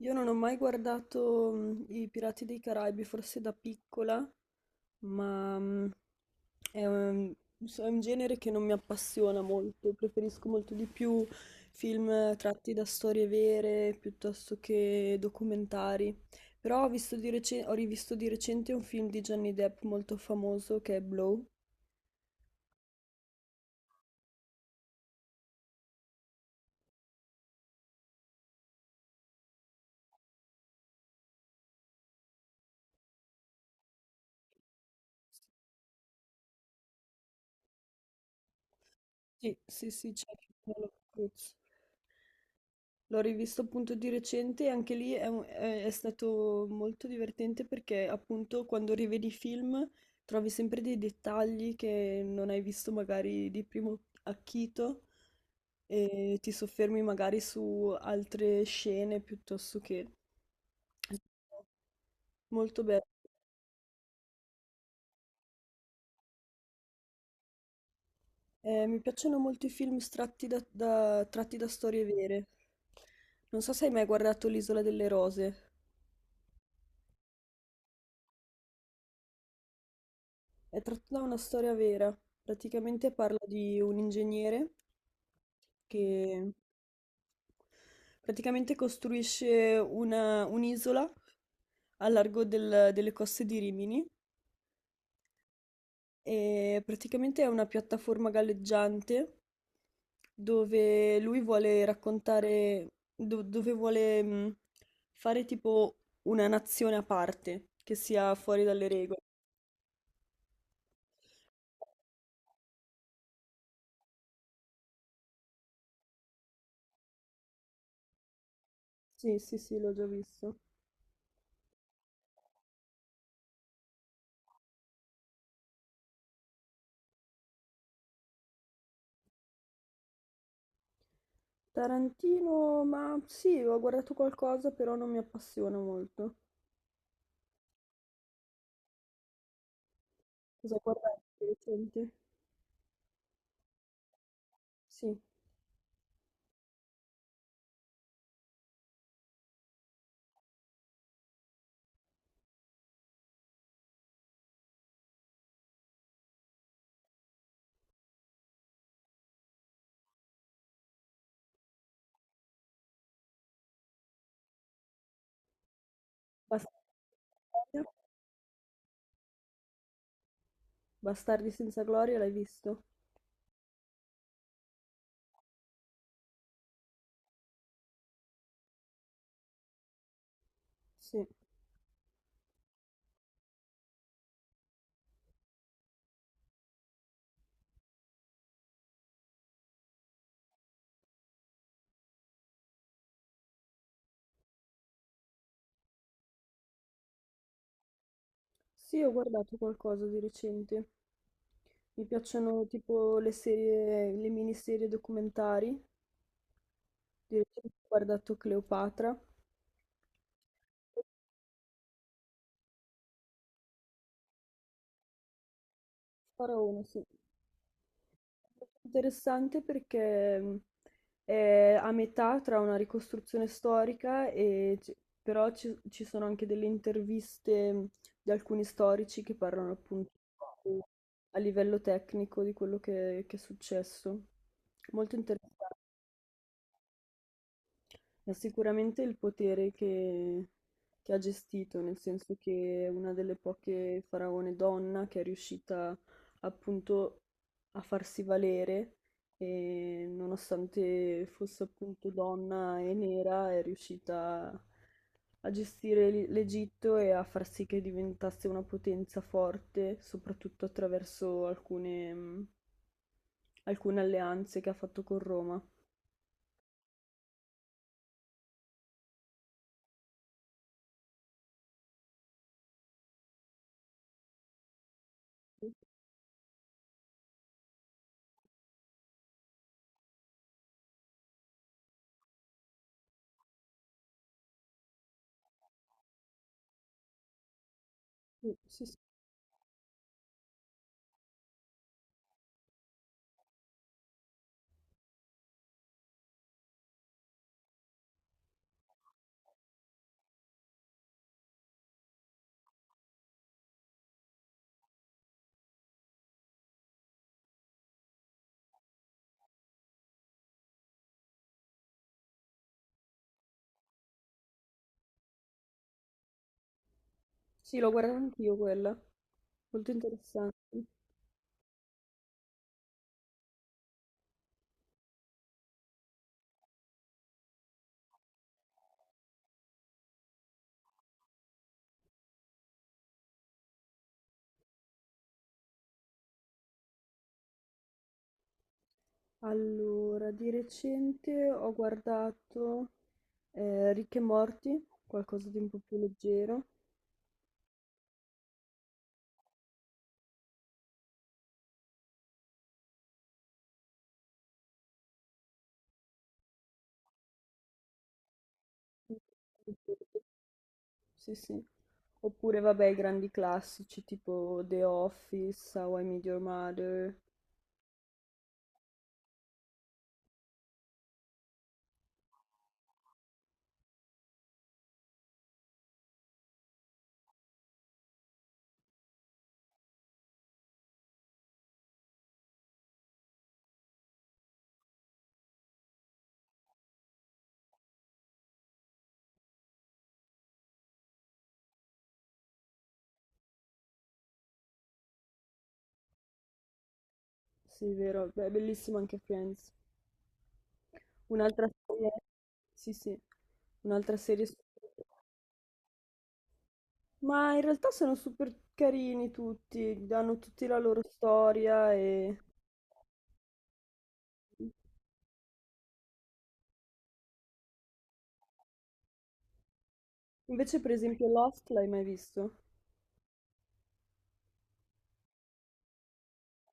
Io non ho mai guardato I Pirati dei Caraibi, forse da piccola, ma è un, è un genere che non mi appassiona molto, preferisco molto di più film tratti da storie vere piuttosto che documentari. Però ho visto ho rivisto di recente un film di Johnny Depp molto famoso che è Blow. Sì, sì, sì, c'è anche Penelope Cruz. L'ho rivisto appunto di recente e anche lì è stato molto divertente perché appunto quando rivedi i film trovi sempre dei dettagli che non hai visto magari di primo acchito e ti soffermi magari su altre scene piuttosto che... Molto bello. Mi piacciono molto i film tratti tratti da storie vere. Non so se hai mai guardato L'Isola delle Rose. È tratta da una storia vera. Praticamente parla di un ingegnere che praticamente costruisce un'isola a largo delle coste di Rimini e praticamente è una piattaforma galleggiante dove lui vuole raccontare, dove vuole fare tipo una nazione a parte che sia fuori dalle regole. Sì, sì, sì, l'ho già visto. Tarantino, ma sì, ho guardato qualcosa, però non mi appassiona molto. Cosa guardate di recente? Sì, Bastardi senza gloria. Bastardi senza gloria, l'hai visto? Sì. Sì, ho guardato qualcosa di recente. Mi piacciono tipo le serie, le miniserie documentari. Di recente ho guardato Cleopatra. Faraone, sì. Interessante perché è a metà tra una ricostruzione storica però ci sono anche delle interviste di alcuni storici che parlano appunto a livello tecnico di quello che è successo. Molto interessante. Ma sicuramente il potere che ha gestito, nel senso che è una delle poche faraone donna che è riuscita appunto a farsi valere e nonostante fosse appunto donna e nera è riuscita a gestire l'Egitto e a far sì che diventasse una potenza forte, soprattutto attraverso alcune, alcune alleanze che ha fatto con Roma. Sì, sì, sì. Sì, l'ho guardata anch'io quella. Molto interessante. Allora, di recente ho guardato Rick e Morty, qualcosa di un po' più leggero. Sì, sì. Oppure, vabbè, i grandi classici tipo The Office, How I Met Your Mother. Sì, vero. Beh, è bellissimo anche Friends. Un'altra serie. Sì, sì. Un'altra serie. Ma in realtà sono super carini tutti, hanno tutti la loro storia e... Invece, per esempio, Lost l'hai mai visto?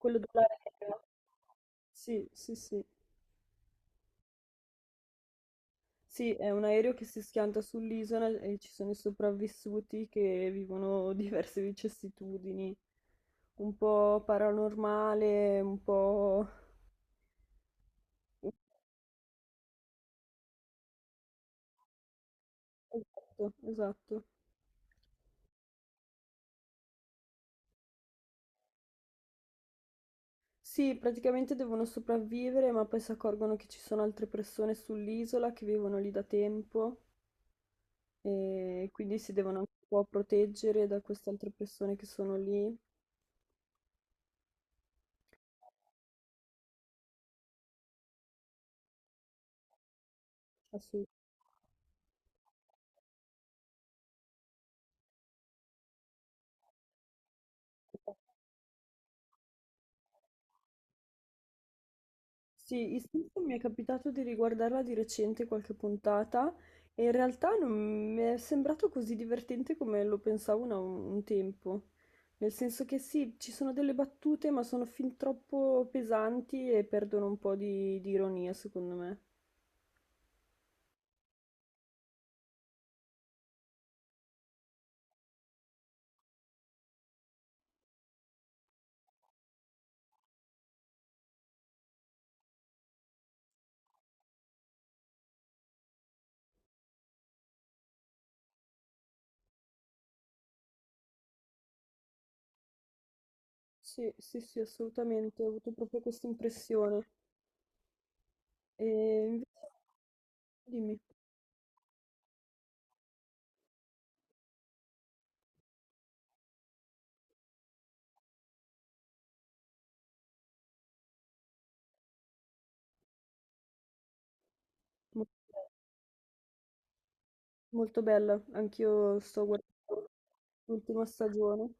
Quello dell'aereo? Sì, sì, sì. Sì, è un aereo che si schianta sull'isola e ci sono i sopravvissuti che vivono diverse vicissitudini, un po' paranormale, un po'... Esatto, esatto. Sì, praticamente devono sopravvivere, ma poi si accorgono che ci sono altre persone sull'isola che vivono lì da tempo e quindi si devono anche un po' proteggere da queste altre persone che sono lì. Assu- Sì, il Simpson mi è capitato di riguardarla di recente qualche puntata e in realtà non mi è sembrato così divertente come lo pensavo un tempo. Nel senso che sì, ci sono delle battute, ma sono fin troppo pesanti e perdono un po' di ironia, secondo me. Sì, sì, sì, assolutamente, ho avuto proprio questa impressione. E invece, dimmi, molto, molto bella, anch'io sto guardando l'ultima stagione.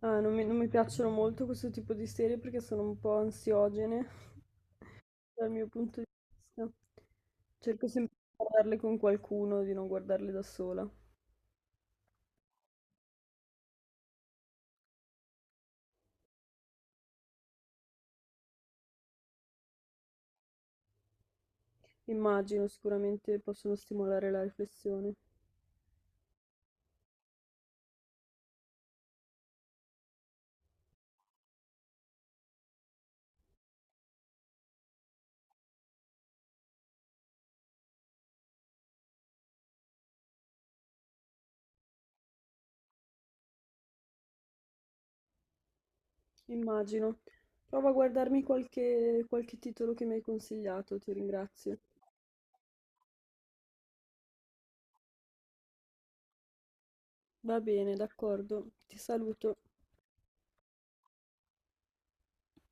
Ah, non mi piacciono molto questo tipo di serie perché sono un po' ansiogene dal mio punto di vista. Cerco sempre di guardarle con qualcuno, di non guardarle da sola. Immagino, sicuramente possono stimolare la riflessione. Immagino. Prova a guardarmi qualche titolo che mi hai consigliato, ti ringrazio. Va bene, d'accordo. Ti saluto.